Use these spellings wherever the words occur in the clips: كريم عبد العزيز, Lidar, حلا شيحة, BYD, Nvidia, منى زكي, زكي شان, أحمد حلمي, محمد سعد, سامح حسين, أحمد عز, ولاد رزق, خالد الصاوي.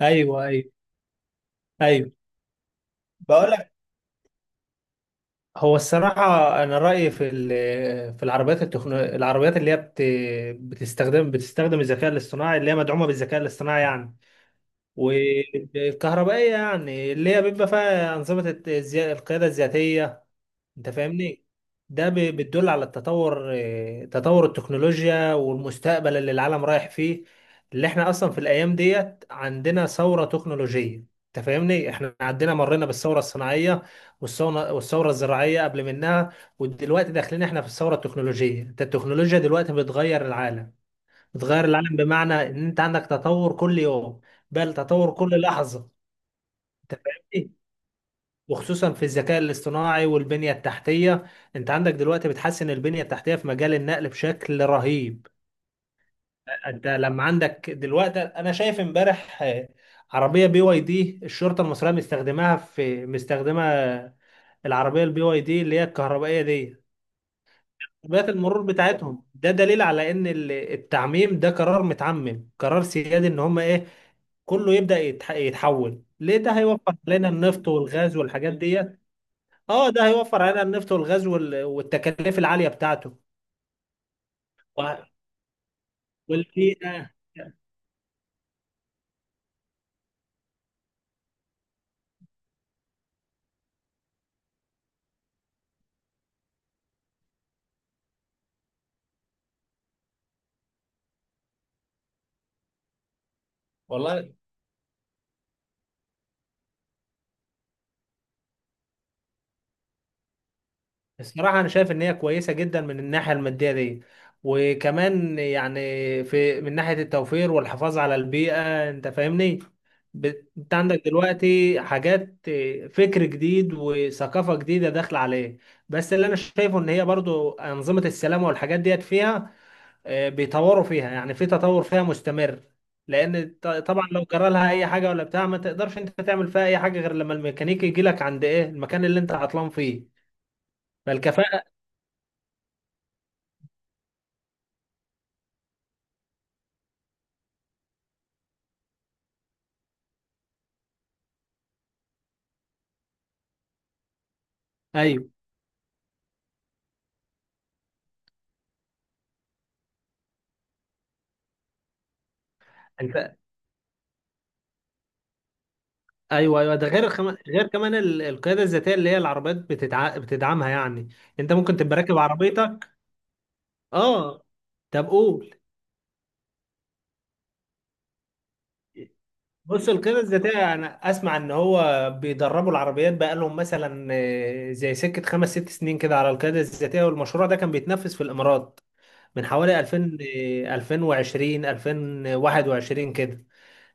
ايوه، ايوه، ايوه. بقول لك. هو الصراحة أنا رأيي في في العربيات العربيات اللي هي بتستخدم الذكاء الاصطناعي، اللي هي مدعومة بالذكاء الاصطناعي يعني، والكهربائية، يعني اللي هي بيبقى فيها أنظمة القيادة الذاتية. انت فاهمني؟ ده بتدل على التطور، تطور التكنولوجيا والمستقبل اللي العالم رايح فيه. اللي احنا اصلا في الايام ديت عندنا ثورة تكنولوجية. انت فاهمني؟ احنا عندنا مرينا بالثورة الصناعية، والثورة الزراعية قبل منها. ودلوقتي داخلين احنا في الثورة التكنولوجية. انت التكنولوجيا دلوقتي بتغير العالم، بمعنى ان انت عندك تطور كل يوم، بل تطور كل لحظة. انت فاهمني؟ وخصوصا في الذكاء الاصطناعي والبنية التحتية. انت عندك دلوقتي بتحسن البنية التحتية في مجال النقل بشكل رهيب. انت لما عندك دلوقتي انا شايف امبارح عربية بي واي دي، الشرطة المصرية مستخدماها في مستخدمة العربية البي واي دي اللي هي الكهربائية دي بيئة المرور بتاعتهم. ده دليل على ان التعميم ده قرار متعمم، قرار سيادي، ان هم ايه كله يبدأ يتحول ليه. ده هيوفر علينا النفط والغاز والحاجات دي. اه، ده هيوفر علينا النفط والغاز والتكاليف العالية بتاعته. و- والبيئة. والله، الصراحة أنا شايف إن هي كويسة جدا من الناحية المادية دي، وكمان يعني في من ناحية التوفير والحفاظ على البيئة. أنت فاهمني؟ أنت عندك دلوقتي حاجات، فكر جديد وثقافة جديدة داخلة عليه. بس اللي أنا شايفه إن هي برضو أنظمة السلامة والحاجات ديت فيها بيطوروا فيها، يعني في تطور فيها مستمر. لان طبعا لو جرى لها اي حاجه ولا بتاع، ما تقدرش انت تعمل فيها اي حاجه غير لما الميكانيكي يجي لك عند ايه المكان اللي انت عطلان فيه. فالكفاءه. ايوه. انت. ايوه، ايوه، ده غير غير كمان القياده الذاتيه اللي هي العربيات بتدعمها يعني. انت ممكن تبقى راكب عربيتك. اه. طب قول. بص، القيادة الذاتية أنا أسمع إن هو بيدربوا العربيات بقالهم مثلا زي سكة خمس ست سنين كده على القيادة الذاتية، والمشروع ده كان بيتنفذ في الإمارات من حوالي 2000 ل 2020 2021 كده.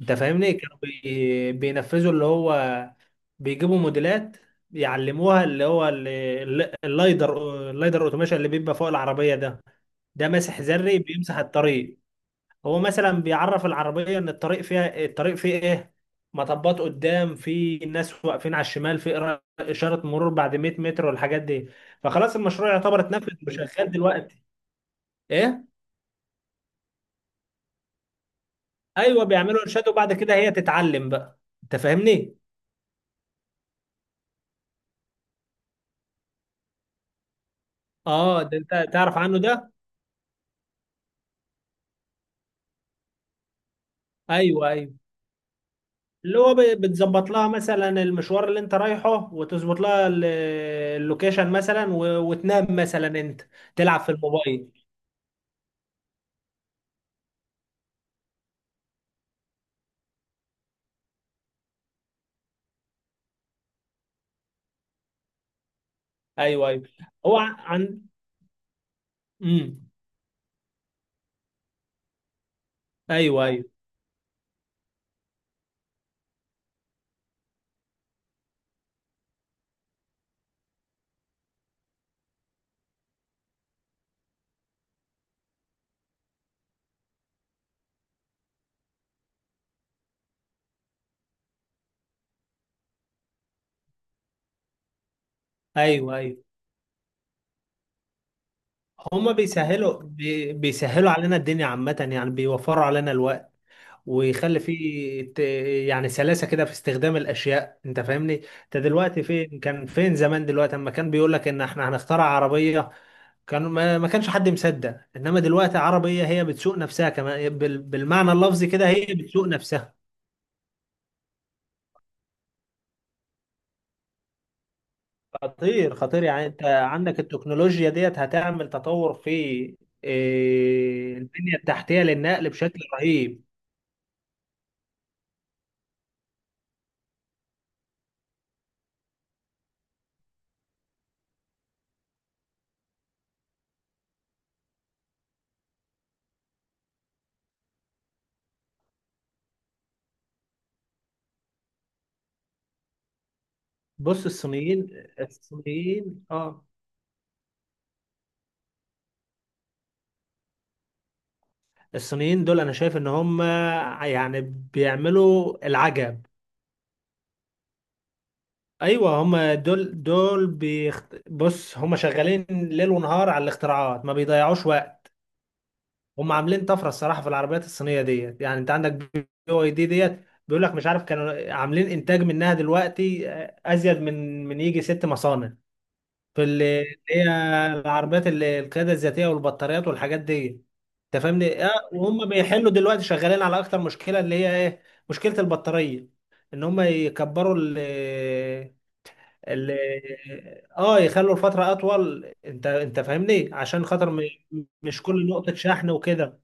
انت فاهمني؟ كانوا بينفذوا اللي هو بيجيبوا موديلات يعلموها اللي هو اللايدر اوتوميشن اللي بيبقى فوق العربية ده. ده ماسح ذري بيمسح الطريق. هو مثلا بيعرف العربية ان الطريق فيها، الطريق فيه ايه، مطبات قدام، في ناس واقفين على الشمال، في إشارة مرور بعد 100 متر، والحاجات دي. فخلاص المشروع يعتبر اتنفذ وشغال دلوقتي. ايه؟ ايوه، بيعملوا ارشاد وبعد كده هي تتعلم بقى. انت فاهمني؟ اه، ده انت تعرف عنه ده. ايوه، ايوه، اللي هو بتظبط لها مثلا المشوار اللي انت رايحه، وتظبط لها اللوكيشن مثلا، وتنام مثلا انت، تلعب في الموبايل. ايوه، ايوه. هو عن امم ايوه، ايوه، ايوه، ايوه، هما بيسهلوا علينا الدنيا عامة، يعني بيوفروا علينا الوقت، ويخلي فيه يعني سلاسة كده في استخدام الأشياء. أنت فاهمني؟ أنت دلوقتي فين، كان فين زمان؟ دلوقتي أما كان بيقول لك إن إحنا هنخترع عربية، كان ما كانش حد مصدق. إنما دلوقتي عربية هي بتسوق نفسها، كمان بالمعنى اللفظي كده، هي بتسوق نفسها. خطير، خطير، يعني أنت عندك التكنولوجيا ديت هتعمل تطور في إيه، البنية التحتية للنقل بشكل رهيب. بص الصينيين، الصينيين، اه الصينيين دول انا شايف ان هم يعني بيعملوا العجب. ايوه، هم دول بص هم شغالين ليل ونهار على الاختراعات، ما بيضيعوش وقت. هم عاملين طفره، الصراحه، في العربيات الصينيه ديت. يعني انت عندك بي او اي دي ديت بيقول لك مش عارف كانوا عاملين انتاج منها دلوقتي ازيد من يجي ست مصانع في اللي هي العربيات، اللي القياده الذاتيه والبطاريات والحاجات دي. انت فاهمني؟ اه، وهم بيحلوا دلوقتي شغالين على اكتر مشكله، اللي هي ايه، مشكله البطاريه، ان هم يكبروا ال ال اه يخلوا الفتره اطول. انت فاهمني؟ عشان خاطر مش كل نقطه شحن وكده.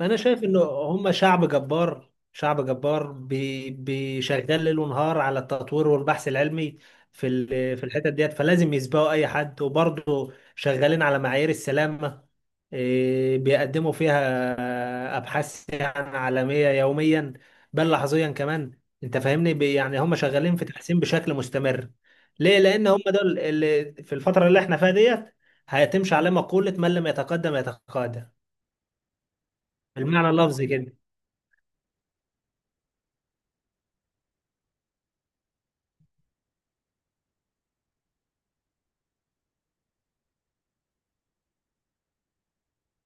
انا شايف انه هم شعب جبار، شعب جبار، شغال ليل ونهار على التطوير والبحث العلمي في في الحتت ديت. فلازم يسبقوا اي حد، وبرضه شغالين على معايير السلامة، إيه، بيقدموا فيها ابحاث يعني عالمية يوميا، بل لحظيا كمان. انت فاهمني؟ يعني هم شغالين في تحسين بشكل مستمر، ليه؟ لان هم دول اللي في الفترة اللي احنا فيها ديت هيتمشي على مقولة من لم يتقدم يتقادم، بالمعنى اللفظي كده.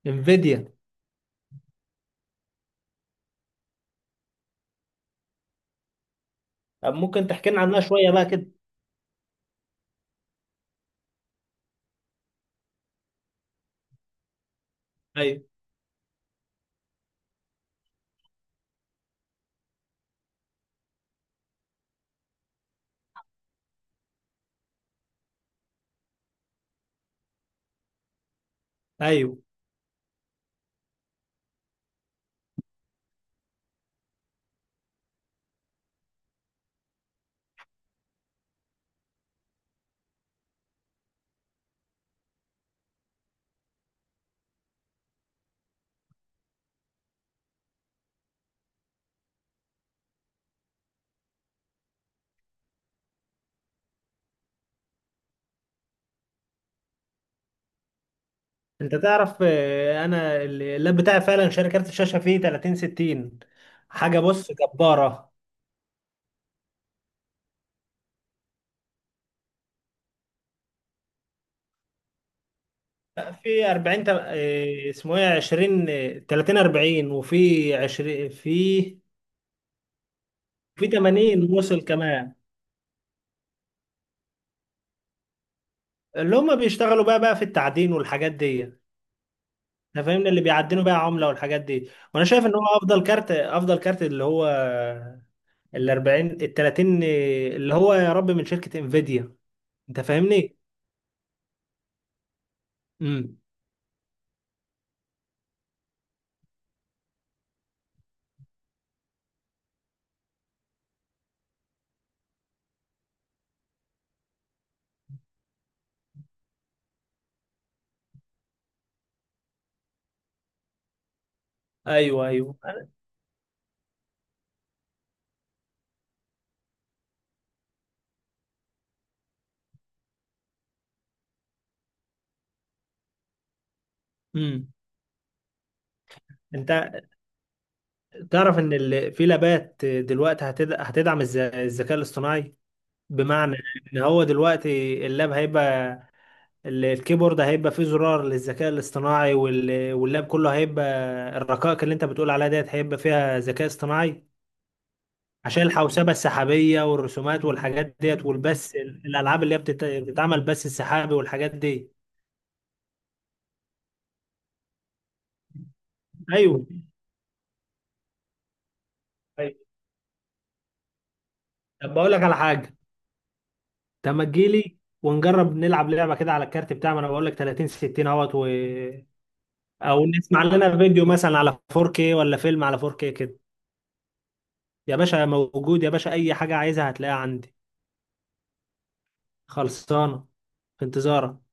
انفيديا. طب ممكن تحكي لنا عنها شويه بقى كده؟ ايوه، ايوه. انت تعرف انا اللاب بتاعي فعلا شاري كارت الشاشه فيه 30 60. حاجه، بص، جباره. في 40 اسمه ايه، 20 30 40، وفي 20 في، في 80 وصل كمان. اللي هم بيشتغلوا بقى في التعدين والحاجات دي. انت فاهمني؟ اللي بيعدنوا بقى عمله والحاجات دي، وانا شايف ان هو افضل كارت، افضل كارت، اللي هو ال 40 ال 30 اللي هو يا رب، من شركة انفيديا. انت فاهمني؟ امم ايوه، ايوه، امم انت تعرف ان في لابات دلوقتي هتدعم الذكاء الاصطناعي، بمعنى ان هو دلوقتي اللاب هيبقى الكيبورد هيبقى فيه زرار للذكاء الاصطناعي، واللاب كله هيبقى الرقائق اللي انت بتقول عليها ديت هيبقى فيها ذكاء اصطناعي، عشان الحوسبة السحابية والرسومات والحاجات ديت والبث، الألعاب اللي هي بتتعمل بث السحابي والحاجات دي. ايوه. طيب. طب بقول لك على حاجه. طب ما تجيلي ونجرب نلعب لعبه كده على الكارت بتاع، ما انا بقول لك 30 60 اهوت او نسمع لنا فيديو مثلا على 4K، ولا فيلم على 4K كده. يا باشا موجود، يا باشا، اي حاجه عايزها هتلاقيها عندي. خلصانه. في انتظارك.